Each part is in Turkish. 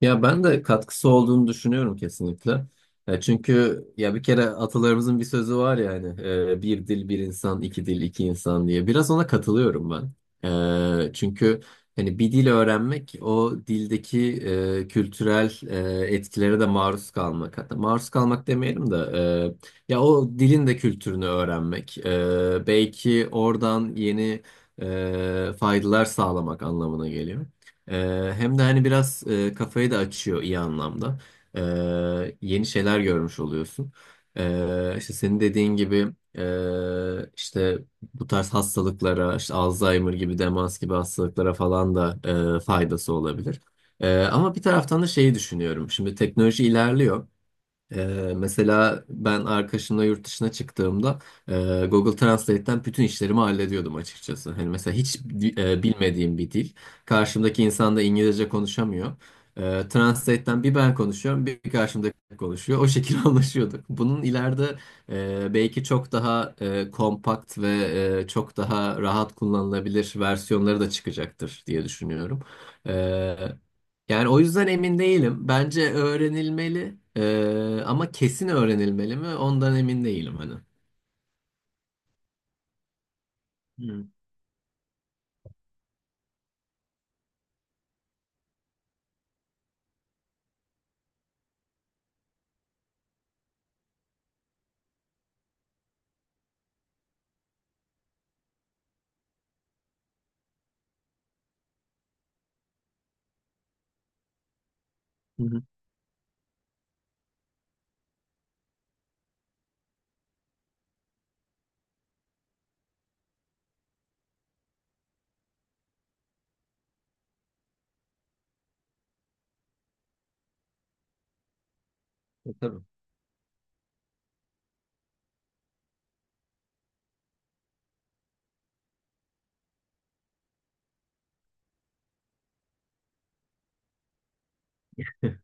Ya ben de katkısı olduğunu düşünüyorum kesinlikle. Ya çünkü ya bir kere atalarımızın bir sözü var ya hani bir dil bir insan iki dil iki insan diye. Biraz ona katılıyorum ben. Çünkü hani bir dil öğrenmek o dildeki kültürel etkilere de maruz kalmak. Hatta maruz kalmak demeyelim de ya o dilin de kültürünü öğrenmek. Belki oradan yeni faydalar sağlamak anlamına geliyor. Hem de hani biraz kafayı da açıyor iyi anlamda. Yeni şeyler görmüş oluyorsun. İşte senin dediğin gibi işte bu tarz hastalıklara, işte Alzheimer gibi, demans gibi hastalıklara falan da faydası olabilir. Ama bir taraftan da şeyi düşünüyorum. Şimdi teknoloji ilerliyor. Mesela ben arkadaşımla yurt dışına çıktığımda e, Google Translate'ten bütün işlerimi hallediyordum açıkçası. Hani mesela hiç bilmediğim bir dil. Karşımdaki insan da İngilizce konuşamıyor. Translate'ten bir ben konuşuyorum, bir karşımdaki konuşuyor. O şekilde anlaşıyorduk. Bunun ileride belki çok daha kompakt ve çok daha rahat kullanılabilir versiyonları da çıkacaktır diye düşünüyorum. Yani o yüzden emin değilim. Bence öğrenilmeli. Ama kesin öğrenilmeli mi? Ondan emin değilim hani. Hmm. Hı hı. Tabii.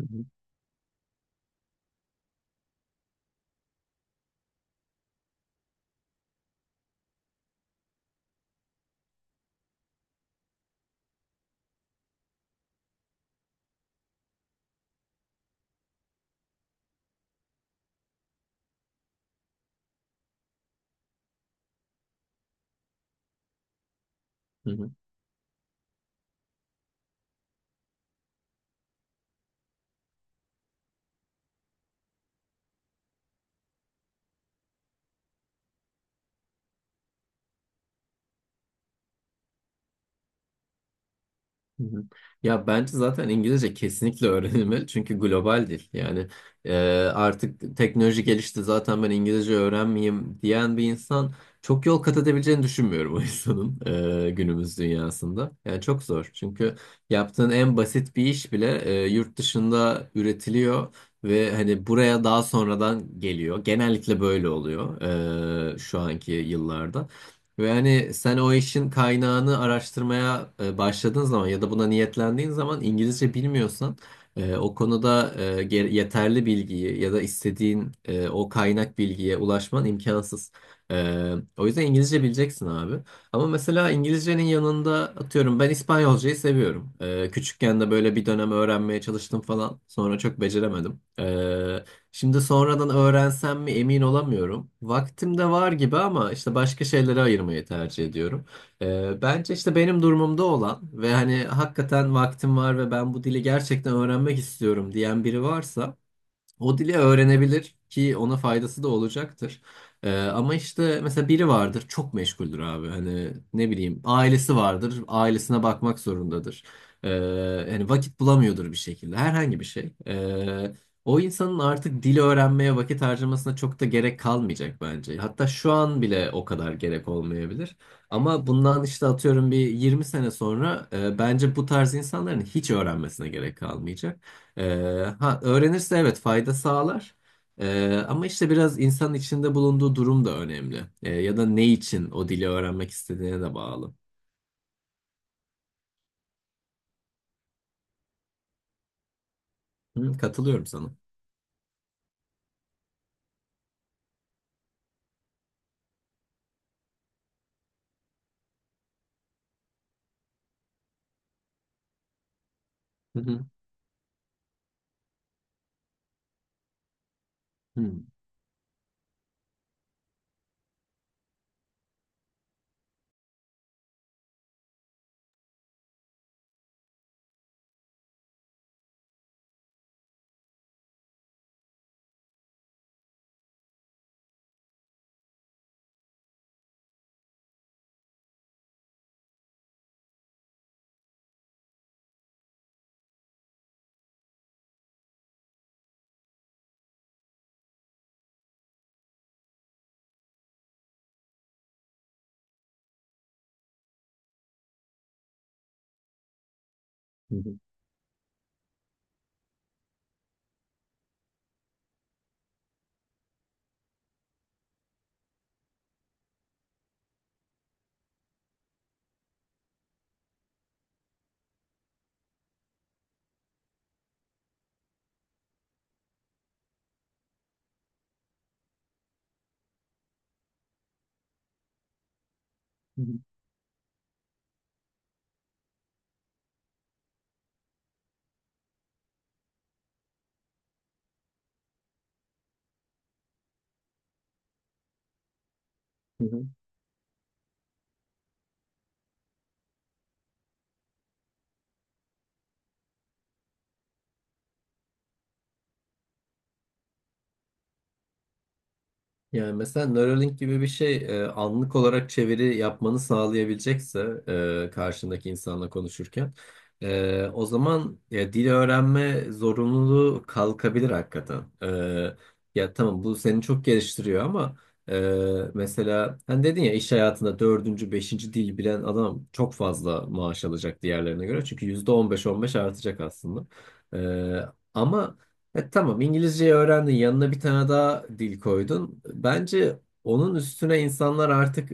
Hı hı. Hı hı. Hı hı. Ya bence zaten İngilizce kesinlikle öğrenilmeli çünkü global dil. Yani e, artık teknoloji gelişti zaten ben İngilizce öğrenmeyeyim diyen bir insan çok yol kat edebileceğini düşünmüyorum o insanın günümüz dünyasında. Yani çok zor çünkü yaptığın en basit bir iş bile yurt dışında üretiliyor ve hani buraya daha sonradan geliyor. Genellikle böyle oluyor şu anki yıllarda. Ve hani sen o işin kaynağını araştırmaya başladığın zaman ya da buna niyetlendiğin zaman İngilizce bilmiyorsan o konuda yeterli bilgiyi ya da istediğin o kaynak bilgiye ulaşman imkansız. O yüzden İngilizce bileceksin abi. Ama mesela İngilizcenin yanında atıyorum ben İspanyolcayı seviyorum. Küçükken de böyle bir dönem öğrenmeye çalıştım falan. Sonra çok beceremedim. Şimdi sonradan öğrensem mi emin olamıyorum. Vaktim de var gibi ama işte başka şeylere ayırmayı tercih ediyorum. Bence işte benim durumumda olan ve hani hakikaten vaktim var ve ben bu dili gerçekten öğrenmek istiyorum diyen biri varsa o dili öğrenebilir ki ona faydası da olacaktır. Ama işte mesela biri vardır çok meşguldür abi. Hani ne bileyim ailesi vardır ailesine bakmak zorundadır. Ee, Yani vakit bulamıyordur bir şekilde herhangi bir şey. O insanın artık dil öğrenmeye vakit harcamasına çok da gerek kalmayacak bence. Hatta şu an bile o kadar gerek olmayabilir. Ama bundan işte atıyorum bir 20 sene sonra bence bu tarz insanların hiç öğrenmesine gerek kalmayacak. Ha, öğrenirse evet fayda sağlar. Ama işte biraz insanın içinde bulunduğu durum da önemli. Ya da ne için o dili öğrenmek istediğine de bağlı. Hı, katılıyorum sana. Hı hı. Hı hı. Hı hı. Hı hı. Yani mesela Neuralink gibi bir şey anlık olarak çeviri yapmanı sağlayabilecekse karşındaki insanla konuşurken o zaman ya, dil öğrenme zorunluluğu kalkabilir hakikaten. Ya tamam bu seni çok geliştiriyor ama mesela hani dedin ya iş hayatında dördüncü, beşinci dil bilen adam çok fazla maaş alacak diğerlerine göre. Çünkü %15 on beş artacak aslında. E, Ama tamam İngilizceyi öğrendin yanına bir tane daha dil koydun. Bence onun üstüne insanlar artık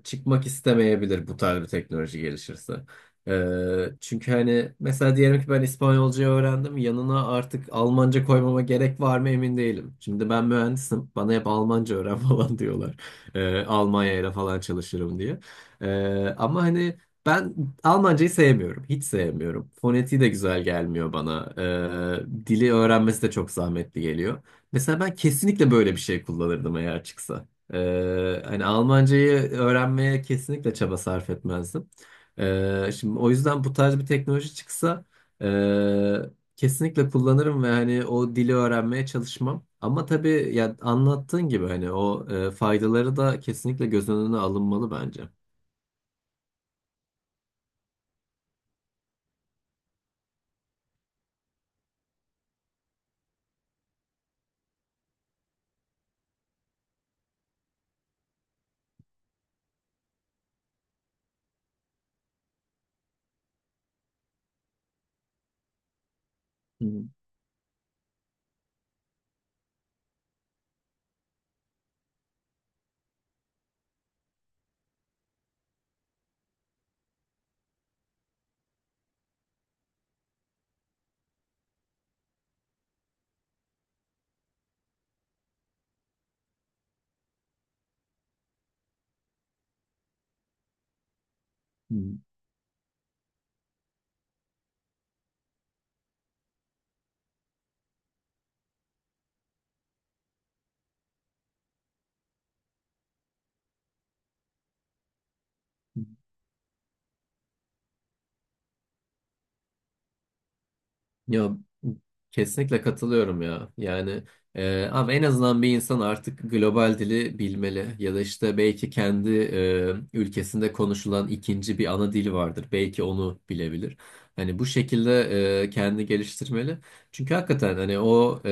çıkmak istemeyebilir bu tarz bir teknoloji gelişirse. E, Çünkü hani mesela diyelim ki ben İspanyolcayı öğrendim yanına artık Almanca koymama gerek var mı emin değilim. Şimdi ben mühendisim bana hep Almanca öğren falan diyorlar. Almanya ile falan çalışırım diye. E, Ama hani ben Almancayı sevmiyorum. Hiç sevmiyorum. Fonetiği de güzel gelmiyor bana. Dili öğrenmesi de çok zahmetli geliyor. Mesela ben kesinlikle böyle bir şey kullanırdım eğer çıksa. Hani Almancayı öğrenmeye kesinlikle çaba sarf etmezdim. Şimdi o yüzden bu tarz bir teknoloji çıksa kesinlikle kullanırım ve hani o dili öğrenmeye çalışmam. Ama tabii ya anlattığın gibi hani o faydaları da kesinlikle göz önüne alınmalı bence. Hı hı. Ya kesinlikle katılıyorum ya. Yani abi en azından bir insan artık global dili bilmeli ya da işte belki kendi ülkesinde konuşulan ikinci bir ana dili vardır. Belki onu bilebilir. Hani bu şekilde kendini geliştirmeli. Çünkü hakikaten hani o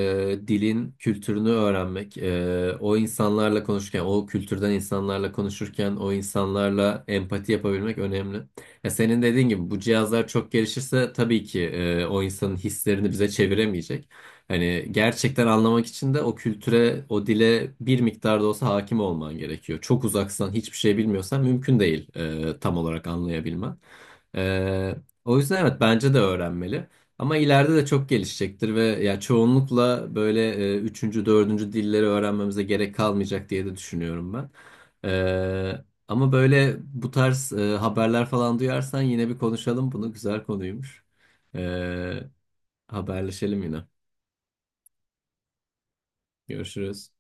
dilin kültürünü öğrenmek, o insanlarla konuşurken, o kültürden insanlarla konuşurken, o insanlarla empati yapabilmek önemli. Ya senin dediğin gibi bu cihazlar çok gelişirse tabii ki o insanın hislerini bize çeviremeyecek. Hani gerçekten anlamak için de o kültüre, o dile bir miktar da olsa hakim olman gerekiyor. Çok uzaksan, hiçbir şey bilmiyorsan mümkün değil tam olarak anlayabilmen. E, O yüzden evet bence de öğrenmeli. Ama ileride de çok gelişecektir ve ya çoğunlukla böyle üçüncü, dördüncü dilleri öğrenmemize gerek kalmayacak diye de düşünüyorum ben. E, Ama böyle bu tarz haberler falan duyarsan yine bir konuşalım bunu. Güzel konuymuş. E, Haberleşelim yine. Görüşürüz.